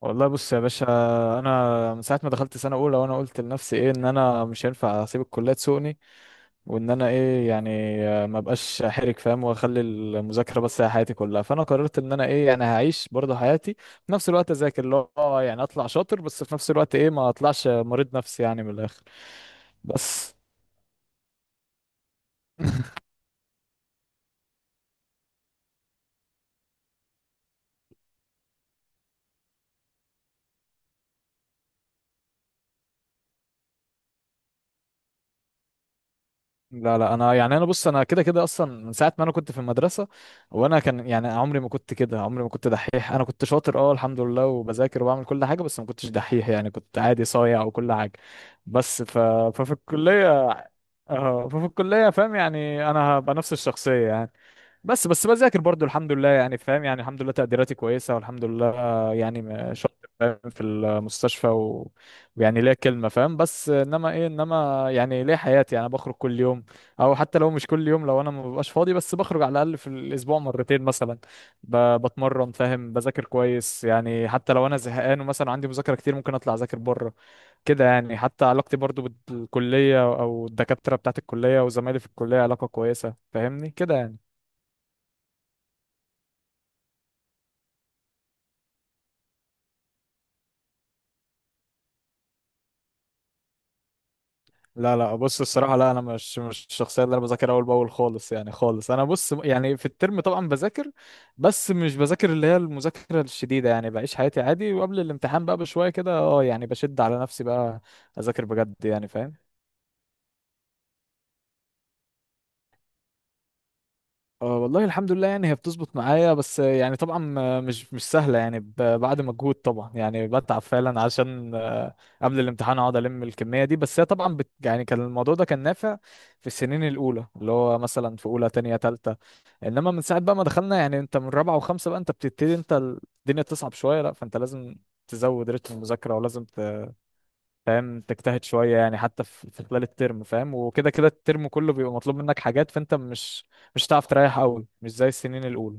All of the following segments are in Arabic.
والله بص يا باشا، انا من ساعه ما دخلت سنه اولى وانا قلت لنفسي ايه، ان انا مش هينفع اسيب الكليه تسوقني، وان انا ايه يعني ما بقاش حرك فاهم، واخلي المذاكره بس هي حياتي كلها. فانا قررت ان انا ايه يعني هعيش برضه حياتي في نفس الوقت، اذاكر اللي هو يعني اطلع شاطر، بس في نفس الوقت ايه ما اطلعش مريض نفسي يعني، من الاخر. بس لا لا، انا يعني انا بص انا كده كده اصلا من ساعه ما انا كنت في المدرسه، وانا كان يعني عمري ما كنت كده، عمري ما كنت دحيح. انا كنت شاطر اه الحمد لله، وبذاكر وبعمل كل حاجه، بس ما كنتش دحيح يعني، كنت عادي صايع وكل حاجه. بس ففي الكليه، اه ففي الكليه فاهم يعني انا هبقى نفس الشخصيه يعني، بس بذاكر برضو الحمد لله، يعني فاهم يعني الحمد لله تقديراتي كويسه والحمد لله، يعني شاطر فاهم في المستشفى ويعني ليا كلمه فاهم، بس انما ايه انما يعني ليا حياتي، انا بخرج كل يوم، او حتى لو مش كل يوم، لو انا ما ببقاش فاضي بس بخرج على الاقل في الاسبوع 2 مرات مثلا، بتمرن فاهم، بذاكر كويس يعني حتى لو انا زهقان ومثلا عندي مذاكره كتير ممكن اطلع اذاكر بره كده يعني. حتى علاقتي برضو بالكليه او الدكاتره بتاعت الكليه وزمايلي في الكليه، علاقه كويسه فاهمني كده يعني. لا لا بص الصراحة، لا أنا مش الشخصية اللي أنا بذاكر أول بأول خالص، يعني خالص. أنا بص يعني في الترم طبعا بذاكر، بس مش بذاكر اللي هي المذاكرة الشديدة يعني، بعيش حياتي عادي وقبل الامتحان بقى بشوية كده أه يعني بشد على نفسي بقى، أذاكر بجد يعني فاهم. آه، والله الحمد لله يعني هي بتظبط معايا، بس يعني طبعا مش سهلة يعني، بعد مجهود طبعا يعني، بتعب فعلا عشان قبل الامتحان اقعد الم الكمية دي. بس هي طبعا يعني كان الموضوع ده كان نافع في السنين الأولى، اللي هو مثلا في أولى تانية تالتة، انما من ساعة بقى ما دخلنا يعني انت من رابعة وخمسة بقى انت بتبتدي انت الدنيا تصعب شوية، لا فانت لازم تزود رتم المذاكرة، ولازم فاهم تجتهد شوية يعني حتى في خلال الترم فاهم، وكده كده الترم كله بيبقى مطلوب منك حاجات، فانت مش هتعرف تريح قوي مش زي السنين الأولى.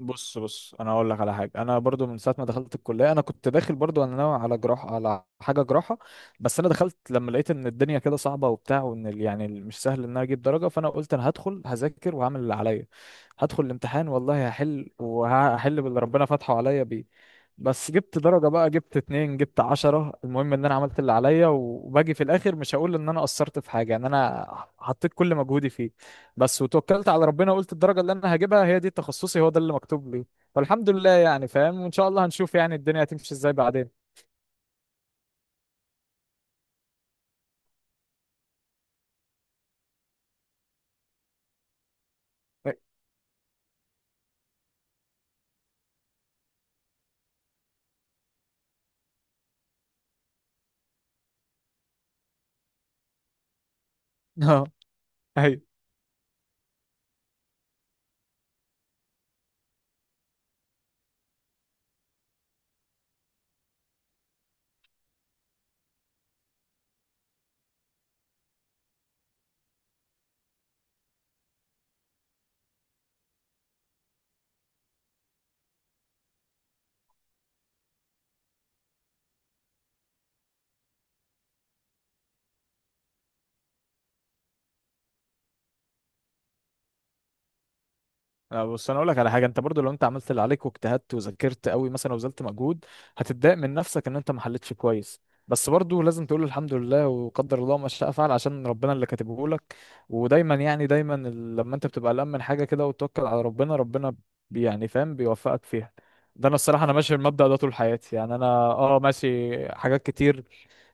بص بص انا اقول لك على حاجه، انا برضو من ساعه ما دخلت الكليه انا كنت داخل برضو انا ناوي على جراحه، على حاجه جراحه، بس انا دخلت لما لقيت ان الدنيا كده صعبه وبتاع، وان مش سهل ان انا اجيب درجه. فانا قلت انا هدخل هذاكر وهعمل اللي عليا، هدخل الامتحان والله هحل، وهحل باللي ربنا فاتحه عليا بيه. بس جبت درجه بقى، جبت 2 جبت 10، المهم ان انا عملت اللي عليا، وباجي في الاخر مش هقول ان انا قصرت في حاجه، يعني انا حطيت كل مجهودي فيه بس، وتوكلت على ربنا. قلت الدرجة اللي انا هجيبها هي دي تخصصي، هو ده اللي مكتوب لي. فالحمد لله يعني فاهم، وان شاء الله هنشوف يعني الدنيا هتمشي ازاي بعدين. اه، ايوه. لا بص انا اقول لك على حاجه، انت برضو لو انت عملت اللي عليك واجتهدت وذاكرت قوي مثلا وبذلت مجهود، هتتضايق من نفسك ان انت ما حلتش كويس، بس برضو لازم تقول الحمد لله وقدر الله ما شاء فعل، عشان ربنا اللي كاتبه لك. ودايما يعني دايما لما انت بتبقى قلقان من حاجه كده وتتوكل على ربنا، ربنا يعني فاهم بيوفقك فيها. ده انا الصراحه انا ماشي المبدأ ده طول حياتي، يعني انا اه ماشي حاجات كتير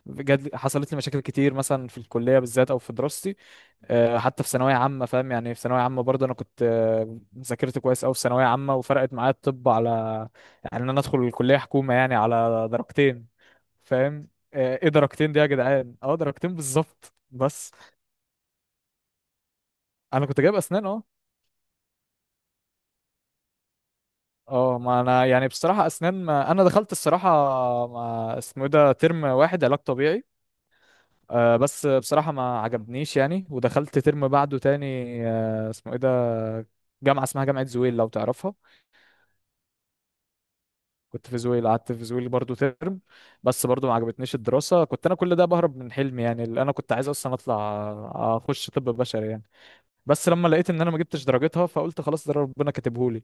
جات، حصلت لي مشاكل كتير مثلا في الكليه بالذات او في دراستي، حتى في ثانويه عامه فاهم، يعني في ثانويه عامه برضه انا كنت ذاكرت كويس قوي في ثانويه عامه، وفرقت معايا الطب على يعني ان انا ادخل الكليه حكومه يعني على 2 درجات، فاهم. ايه 2 درجات دي يا جدعان، اه 2 درجات بالظبط بس. انا كنت جايب اسنان اه. اه ما انا يعني بصراحه اسنان، ما انا دخلت الصراحه ما اسمه إيه ده، ترم واحد علاج طبيعي، آه بس بصراحة ما عجبنيش يعني، ودخلت ترم بعده تاني، آه اسمه ايه ده، جامعة اسمها جامعة زويل لو تعرفها. كنت في زويل، قعدت في زويل برضو ترم، بس برضو ما عجبتنيش الدراسة. كنت انا كل ده بهرب من حلمي، يعني اللي انا كنت عايز اصلا اطلع اخش طب بشري يعني. بس لما لقيت ان انا ما جبتش درجتها، فقلت خلاص ده ربنا كاتبهولي.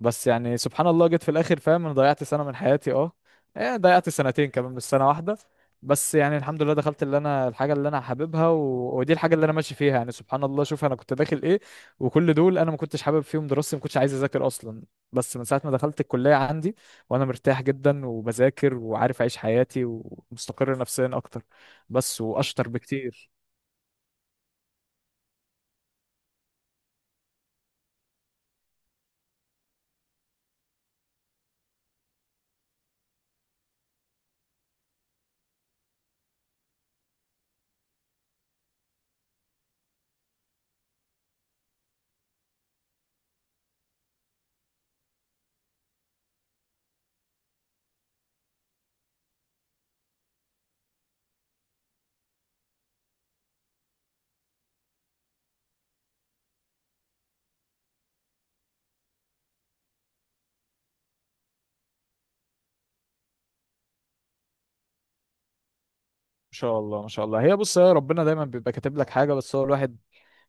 بس يعني سبحان الله جيت في الاخر فاهم، انا ضيعت سنه من حياتي اه، إيه، ضيعت 2 سنين كمان مش سنه واحده، بس يعني الحمد لله دخلت اللي انا الحاجه اللي انا حاببها ودي الحاجه اللي انا ماشي فيها، يعني سبحان الله شوف انا كنت داخل ايه، وكل دول انا ما كنتش حابب فيهم دراستي، ما كنتش عايز اذاكر اصلا، بس من ساعه ما دخلت الكليه عندي، وانا مرتاح جدا وبذاكر وعارف اعيش حياتي ومستقر نفسيا اكتر، بس واشطر بكتير. ما شاء الله، ما شاء الله. هي بص يا ربنا دايما بيبقى كاتب لك حاجه، بس هو الواحد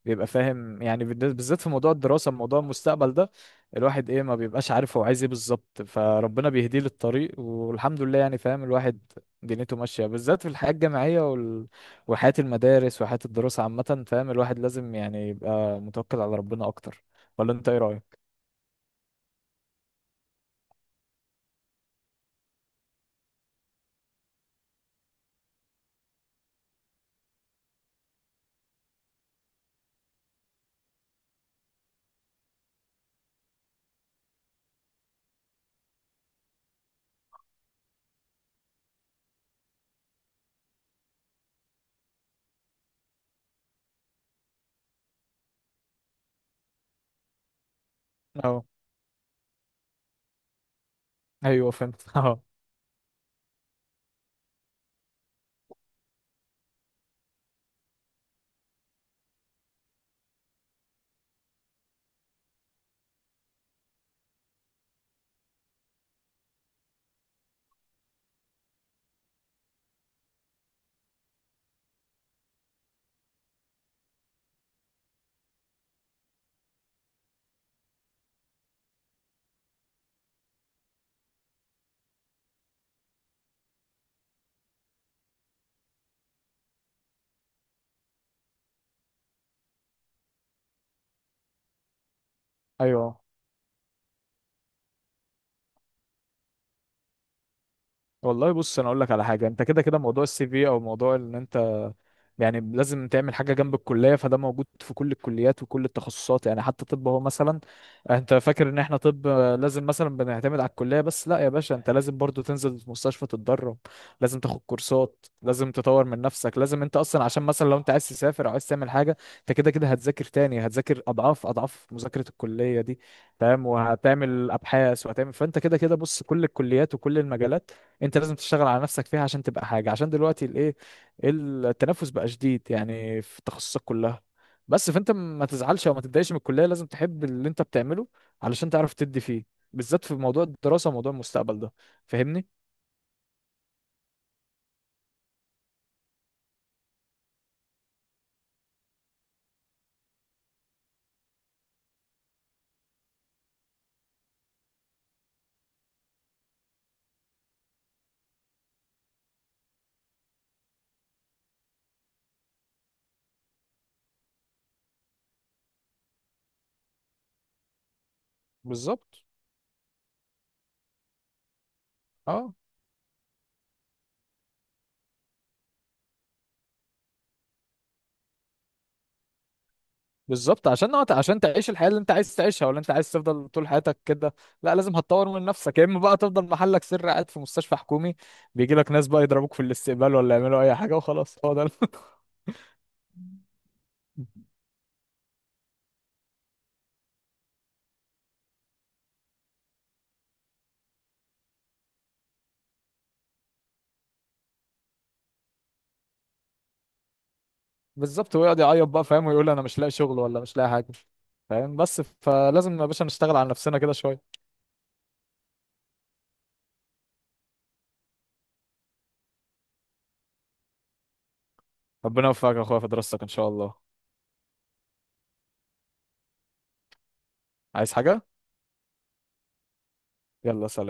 بيبقى فاهم يعني بالذات في موضوع الدراسة، موضوع المستقبل ده، الواحد ايه ما بيبقاش عارف هو عايز ايه بالظبط، فربنا بيهديه للطريق، والحمد لله يعني فاهم الواحد دنيته ماشية. بالذات في الحياة الجامعية وحياة المدارس وحياة الدراسة عامة، فاهم الواحد لازم يعني يبقى متوكل على ربنا اكتر. ولا انت ايه رأيك؟ اه ايوه فهمت. اه، ايوه. والله بص انا اقول لك على حاجة، انت كده كده موضوع السي في او موضوع ان انت يعني لازم تعمل حاجة جنب الكلية، فده موجود في كل الكليات وكل التخصصات، يعني حتى طب. هو مثلا انت فاكر ان احنا طب لازم مثلا بنعتمد على الكلية بس، لا يا باشا، انت لازم برضو تنزل المستشفى تتدرب، لازم تاخد كورسات، لازم تطور من نفسك، لازم انت اصلا عشان مثلا لو انت عايز تسافر او عايز تعمل حاجة، انت كده كده هتذاكر تاني، هتذاكر اضعاف اضعاف مذاكرة الكلية دي، تمام. وهتعمل ابحاث وهتعمل، فانت كده كده بص كل الكليات وكل المجالات انت لازم تشتغل على نفسك فيها عشان تبقى حاجة، عشان دلوقتي الايه التنافس بقى شديد يعني في التخصصات كلها بس. فانت ما تزعلش او ما تتضايقش من الكليه، لازم تحب اللي انت بتعمله علشان تعرف تدي فيه، بالذات في موضوع الدراسه وموضوع المستقبل ده، فاهمني. بالظبط، اه بالظبط، عشان نقط عشان تعيش الحياه اللي انت عايز تعيشها، ولا انت عايز تفضل طول حياتك كده؟ لا لازم هتطور من نفسك، يا اما بقى تفضل محلك سر قاعد في مستشفى حكومي بيجي لك ناس بقى يضربوك في الاستقبال، ولا يعملوا اي حاجه، وخلاص هو ده. بالظبط، ويقعد يعيط بقى فاهم، ويقول انا مش لاقي شغل ولا مش لاقي حاجه فاهم، بس فلازم يا باشا نشتغل على نفسنا كده شويه. ربنا يوفقك يا اخويا في دراستك ان شاء الله. عايز حاجه؟ يلا سلام.